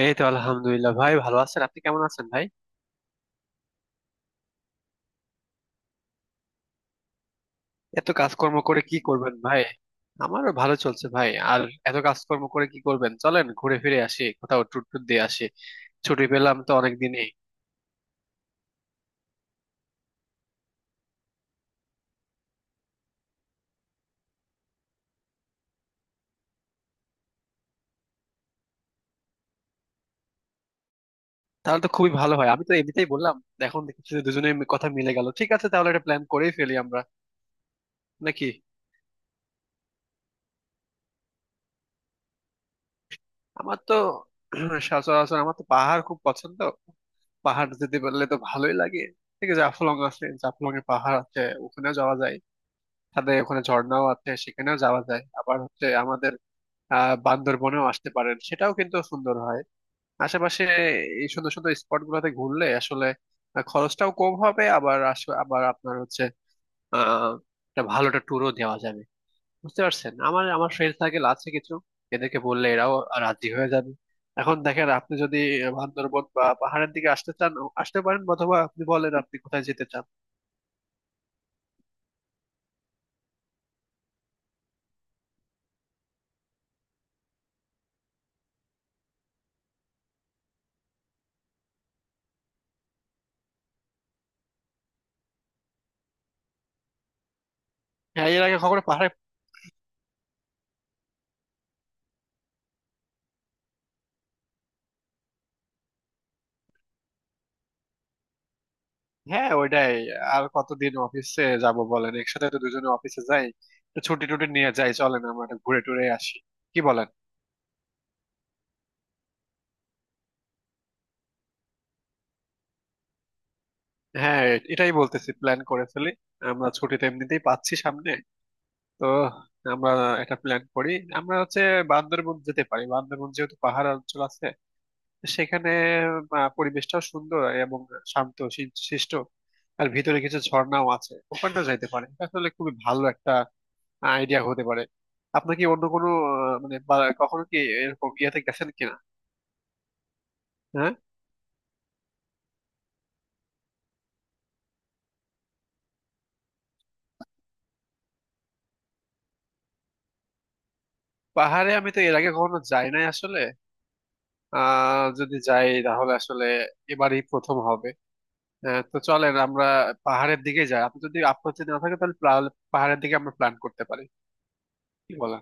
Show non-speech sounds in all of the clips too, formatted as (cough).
এই তো আলহামদুলিল্লাহ, ভাই। ভালো আছেন? আপনি কেমন আছেন ভাই? এত কাজকর্ম করে কি করবেন ভাই? আমারও ভালো চলছে ভাই। আর এত কাজকর্ম করে কি করবেন, চলেন ঘুরে ফিরে আসি কোথাও, ট্যুর ট্যুর দিয়ে আসি। ছুটি পেলাম তো অনেক দিনই। তাহলে তো খুবই ভালো হয়। আমি তো এমনিতেই বললাম। এখন দেখছি যে দুজনের কথা মিলে গেল। ঠিক আছে, তাহলে একটা প্ল্যান করেই ফেলি আমরা, নাকি? আমার তো (clears throat) সচরাচর আমার তো পাহাড় খুব পছন্দ। পাহাড় যেতে পারলে তো ভালোই লাগে। ঠিক আছে, জাফলং আছে, জাফলং এ পাহাড় আছে। ওখানেও যাওয়া যায়। তাদের ওখানে ঝর্ণাও আছে, সেখানেও যাওয়া যায়। আবার হচ্ছে আমাদের বান্দরবনেও আসতে পারেন, সেটাও কিন্তু সুন্দর হয়। আশেপাশে এই সুন্দর সুন্দর স্পট গুলোতে ঘুরলে আসলে খরচটাও কম হবে। আবার আবার আপনার হচ্ছে আহ একটা ভালো একটা ট্যুরও দেওয়া যাবে। বুঝতে পারছেন, আমার আমার ফ্রেন্ড সার্কেল আছে কিছু। এদেরকে বললে এরাও রাজি হয়ে যাবে। এখন দেখেন, আপনি যদি বান্দরবন বা পাহাড়ের দিকে আসতে চান আসতে পারেন, অথবা আপনি বলেন আপনি কোথায় যেতে চান। হ্যাঁ, এর আগে কখনো পাহাড়ে। হ্যাঁ, ওইটাই। আর কতদিন অফিসে যাব বলেন, একসাথে তো দুজনে অফিসে যাই। তো ছুটি টুটি নিয়ে যাই, চলেন আমরা একটু ঘুরে টুরে আসি। কি বলেন? হ্যাঁ, এটাই বলতেছি, প্ল্যান করে ফেলি। আমরা ছুটি তো এমনিতেই পাচ্ছি সামনে। তো আমরা একটা প্ল্যান করি। আমরা হচ্ছে বান্দরবন যেতে পারি, বান্দরবন যেহেতু পাহাড় অঞ্চল আছে। সেখানে পরিবেশটাও সুন্দর এবং শান্ত শিষ্ট। আর ভিতরে কিছু ঝর্ণাও আছে, ওখানটা যাইতে পারে। এটা আসলে খুবই ভালো একটা আইডিয়া হতে পারে। আপনার কি অন্য কোনো, মানে কখনো কি এরকম ইয়েতে গেছেন কিনা? হ্যাঁ, পাহাড়ে আমি তো এর আগে কখনো যাই নাই আসলে। যদি যাই তাহলে আসলে এবারই প্রথম হবে। তো চলেন আমরা পাহাড়ের দিকে যাই। আপনি যদি আপত্তি না থাকে তাহলে পাহাড়ের দিকে আমরা প্ল্যান করতে পারি। কি বলেন?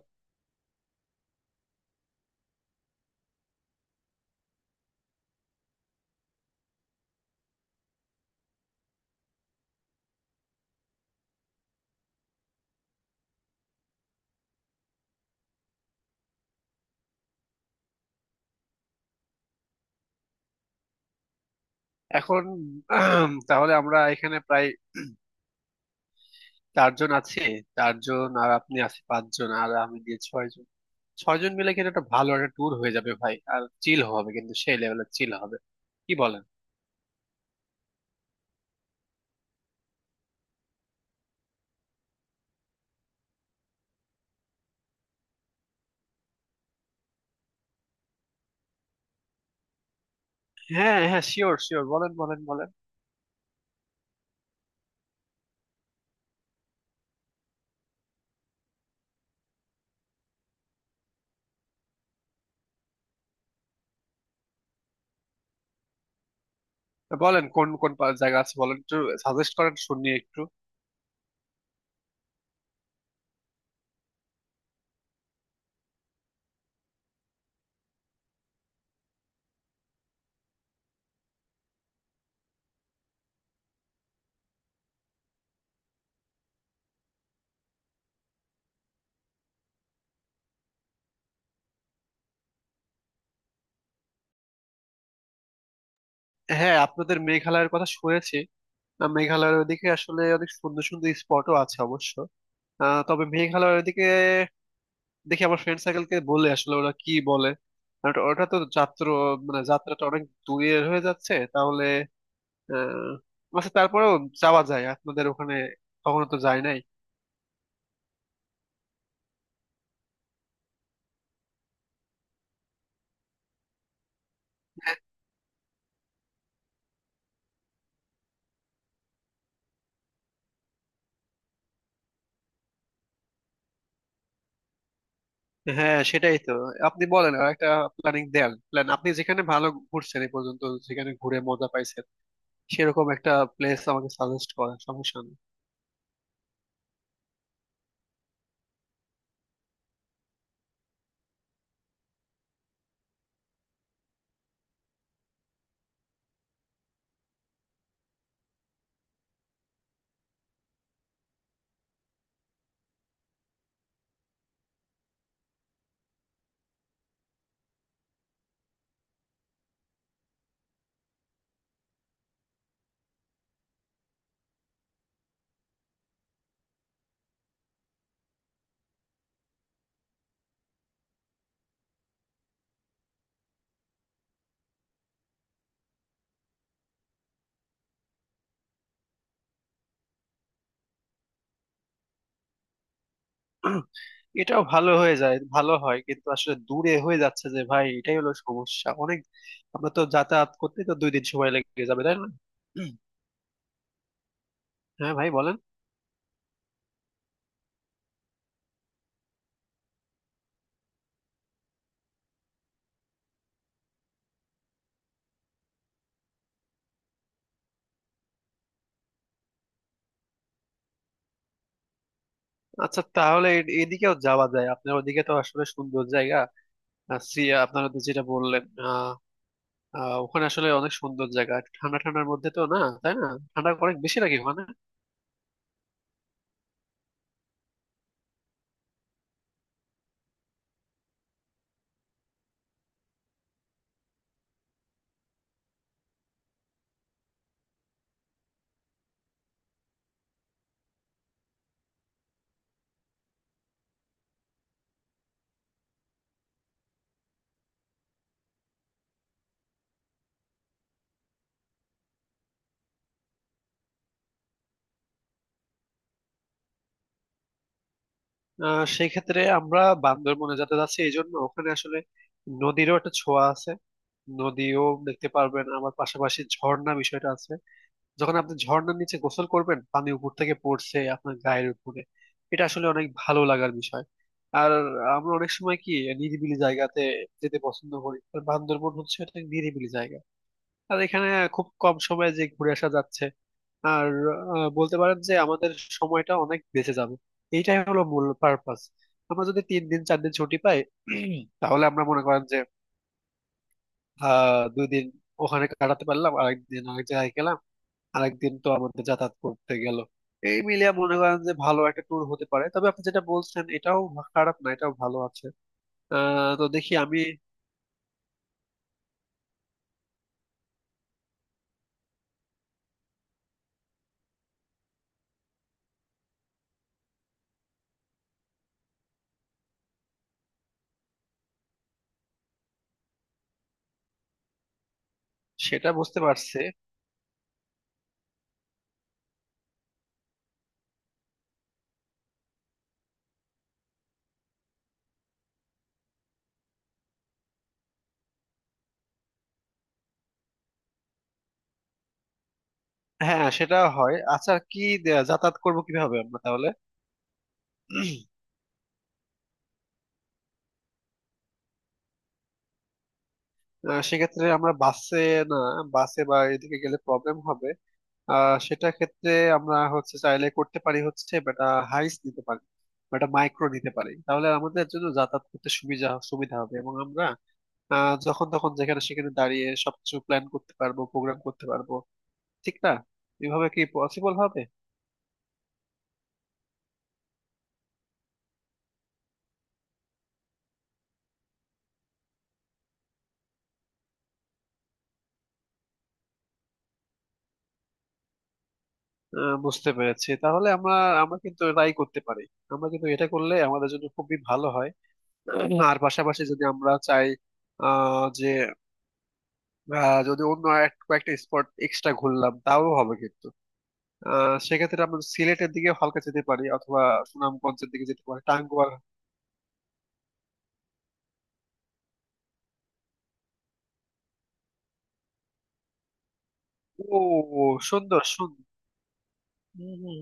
এখন তাহলে আমরা এখানে প্রায় চারজন আছি। চারজন আর আপনি আছি পাঁচজন, আর আমি দিয়ে ছয়জন। ছয়জন মিলে কিন্তু একটা ভালো একটা ট্যুর হয়ে যাবে ভাই। আর চিল হবে, কিন্তু সেই লেভেলের চিল হবে। কি বলেন? হ্যাঁ, হ্যাঁ, শিওর, শিওর, বলেন, বলেন, বলেন। বলেন, কোন কোন জায়গা আছে বলেন একটু, সাজেস্ট করেন শুনি একটু। হ্যাঁ, আপনাদের মেঘালয়ের কথা শুনেছি। মেঘালয়ের ওদিকে আসলে অনেক সুন্দর সুন্দর স্পটও আছে অবশ্য। তবে মেঘালয়ের ওদিকে দেখি আমার ফ্রেন্ড সার্কেলকে বলে আসলে ওরা কি বলে। আর ওটা তো যাত্রা, মানে যাত্রাটা অনেক দূরের হয়ে যাচ্ছে তাহলে। আচ্ছা, তারপরেও যাওয়া যায় আপনাদের ওখানে। কখনো তো যায় নাই। হ্যাঁ, সেটাই তো। আপনি বলেন আর একটা প্ল্যানিং দেন। প্ল্যান, আপনি যেখানে ভালো ঘুরছেন এই পর্যন্ত, যেখানে ঘুরে মজা পাইছেন, সেরকম একটা প্লেস আমাকে সাজেস্ট করেন, সমস্যা নেই। (clears throat) এটাও ভালো হয়ে যায়, ভালো হয় কিন্তু আসলে দূরে হয়ে যাচ্ছে যে ভাই, এটাই হলো সমস্যা। অনেক, আমরা তো যাতায়াত করতে তো দুই দিন সময় লেগে যাবে, তাই না? (clears throat) হ্যাঁ ভাই, বলেন। আচ্ছা, তাহলে এদিকেও যাওয়া যায়। আপনার ওদিকে তো আসলে সুন্দর জায়গা। সিয়া আপনারা তো যেটা বললেন, আহ আহ, ওখানে আসলে অনেক সুন্দর জায়গা, একটু ঠান্ডা ঠান্ডার মধ্যে তো না, তাই না? ঠান্ডা অনেক বেশি লাগে ওখানে। সেই ক্ষেত্রে আমরা বান্দরবনে যাতে যাচ্ছি, এই জন্য ওখানে আসলে নদীরও একটা ছোঁয়া আছে। নদীও দেখতে পারবেন, আবার পাশাপাশি ঝর্ণা বিষয়টা আছে। যখন আপনি ঝর্ণার নিচে গোসল করবেন, পানি উপর থেকে পড়ছে আপনার গায়ের উপরে, এটা আসলে অনেক ভালো লাগার বিষয়। আর আমরা অনেক সময় কি নিরিবিলি জায়গাতে যেতে পছন্দ করি, আর বান্দরবন হচ্ছে একটা নিরিবিলি জায়গা। আর এখানে খুব কম সময়ে যে ঘুরে আসা যাচ্ছে, আর বলতে পারেন যে আমাদের সময়টা অনেক বেঁচে যাবে। এইটাই হলো মূল পারপাস। আমরা যদি তিন দিন চার দিন ছুটি পাই, (clears throat) তাহলে আমরা মনে করেন যে দুই দিন ওখানে কাটাতে পারলাম, আরেকদিন আরেক জায়গায় গেলাম, আরেকদিন তো আমাদের যাতায়াত করতে গেল। এই মিলিয়ে মনে করেন যে ভালো একটা ট্যুর হতে পারে। তবে আপনি যেটা বলছেন এটাও খারাপ না, এটাও ভালো আছে। তো দেখি আমি, সেটা বুঝতে পারছি। হ্যাঁ, সেটা হয়। আচ্ছা, কি যাতায়াত করবো কিভাবে আমরা তাহলে? সেক্ষেত্রে আমরা বাসে, না, বাসে বা এদিকে গেলে প্রবলেম হবে। সেটা ক্ষেত্রে আমরা হচ্ছে চাইলে করতে পারি হচ্ছে বেটা, হাইস নিতে পারি, বা একটা মাইক্রো নিতে পারি। তাহলে আমাদের জন্য যাতায়াত করতে সুবিধা সুবিধা হবে, এবং আমরা যখন তখন যেখানে সেখানে দাঁড়িয়ে সবকিছু প্ল্যান করতে পারবো, প্রোগ্রাম করতে পারবো। ঠিক না? এভাবে কি পসিবল হবে? বুঝতে পেরেছি। তাহলে আমরা, আমরা কিন্তু এটাই করতে পারি। আমরা কিন্তু এটা করলে আমাদের জন্য খুবই ভালো হয়। আর পাশাপাশি যদি আমরা চাই যে যদি অন্য আর কয়েকটা স্পট এক্সট্রা ঘুরলাম তাও হবে, কিন্তু সেক্ষেত্রে আমরা সিলেটের দিকে হালকা যেতে পারি, অথবা সুনামগঞ্জের দিকে যেতে পারি, টাঙ্গুয়ার। ও, সুন্দর সুন্দর। হুম, হুম,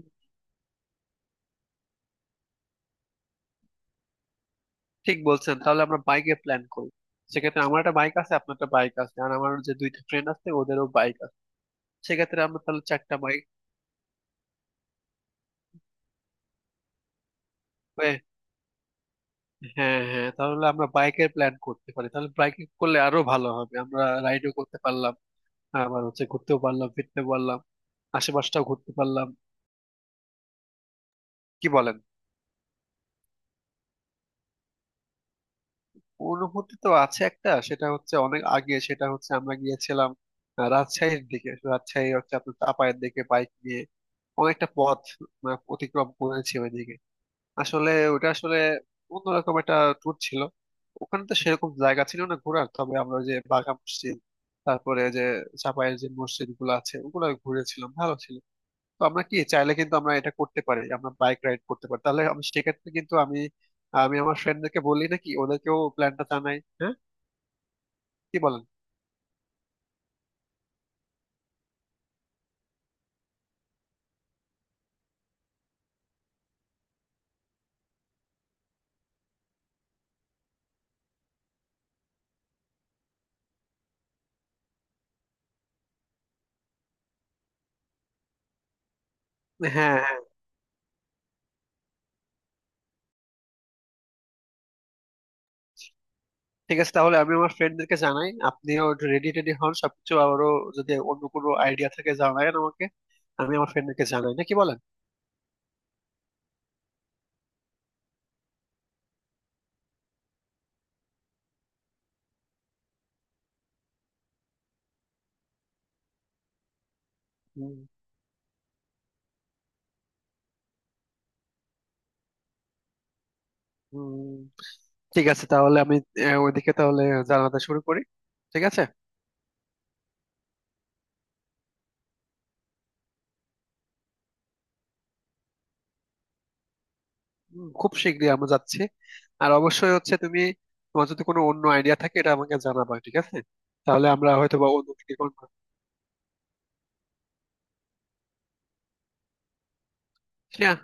ঠিক বলছেন। তাহলে আমরা বাইকে প্ল্যান করি। সেক্ষেত্রে আমার একটা বাইক আছে, আপনার একটা বাইক আছে, আর আমার যে দুইটা ফ্রেন্ড আছে ওদেরও বাইক আছে। সেক্ষেত্রে আমরা তাহলে চারটা বাইক। হ্যাঁ। হ্যাঁ, তাহলে আমরা বাইকের প্ল্যান করতে পারি। তাহলে বাইকে করলে আরো ভালো হবে, আমরা রাইডও করতে পারলাম, আবার হচ্ছে ঘুরতেও পারলাম, ফিরতে পারলাম, আশেপাশটাও ঘুরতে পারলাম। কি বলেন? অনুভূতি তো আছে একটা, সেটা হচ্ছে অনেক আগে। সেটা হচ্ছে আমরা গিয়েছিলাম রাজশাহীর দিকে। রাজশাহী হচ্ছে আপনার চাপায়ের দিকে, বাইক নিয়ে অনেকটা পথ, মানে অতিক্রম করেছি ওইদিকে। আসলে ওটা আসলে অন্যরকম একটা ট্যুর ছিল। ওখানে তো সেরকম জায়গা ছিল না ঘোরার, তবে আমরা ওই যে বাঘা মসজিদ, তারপরে যে চাপায়ের যে মসজিদ গুলো আছে, ওগুলো ঘুরেছিলাম, ভালো ছিল। তো আমরা কি চাইলে কিন্তু আমরা এটা করতে পারি, আমরা বাইক রাইড করতে পারি। তাহলে আমি সেক্ষেত্রে কিন্তু আমি আমি আমার ফ্রেন্ডদেরকে বলি নাকি, ওদেরকেও প্ল্যানটা জানাই, হ্যাঁ? কি বলেন? হ্যাঁ, হ্যাঁ, ঠিক আছে। তাহলে আমি আমার ফ্রেন্ডদেরকে জানাই, আপনিও রেডি টেডি হন সবকিছু। আবারও যদি অন্য কোনো আইডিয়া থাকে জানায়েন আমাকে। আমি আমার ফ্রেন্ডদেরকে জানাই, নাকি বলেন? হুম, হুম, ঠিক আছে। তাহলে আমি ওইদিকে তাহলে জানাতে শুরু করি, ঠিক আছে। হুম, খুব শীঘ্রই আমরা যাচ্ছি। আর অবশ্যই হচ্ছে তুমি, তোমার যদি কোনো অন্য আইডিয়া থাকে এটা আমাকে জানাবা, ঠিক আছে? তাহলে আমরা হয়তো বা অন্য কিছু করবো। হ্যাঁ।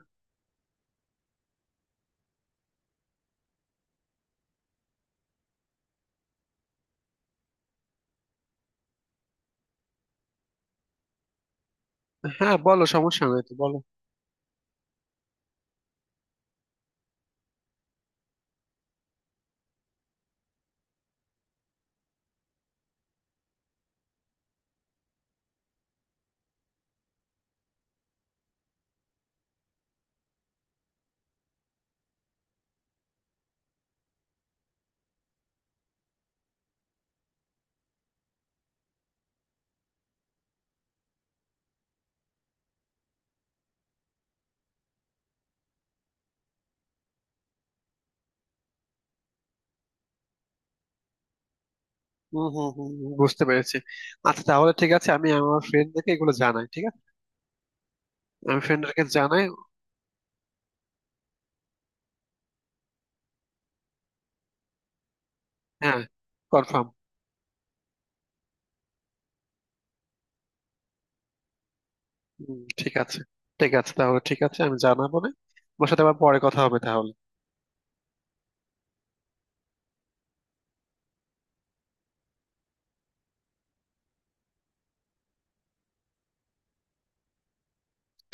হ্যাঁ, বলো, সমস্যা নাই তো, বলো। হুম, হুম, হুম, হুম, বুঝতে পেরেছি। আচ্ছা, তাহলে ঠিক আছে, আমি আমার ফ্রেন্ডদেরকে এগুলো জানাই, ঠিক আছে। আমি ফ্রেন্ডদেরকে জানাই। হ্যাঁ, কনফার্ম। হুম, ঠিক আছে। ঠিক আছে, তাহলে ঠিক আছে, আমি জানাবো না। তোমার সাথে আবার পরে কথা হবে তাহলে।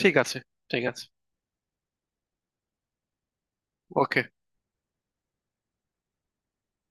ঠিক আছে। ঠিক আছে। ওকে।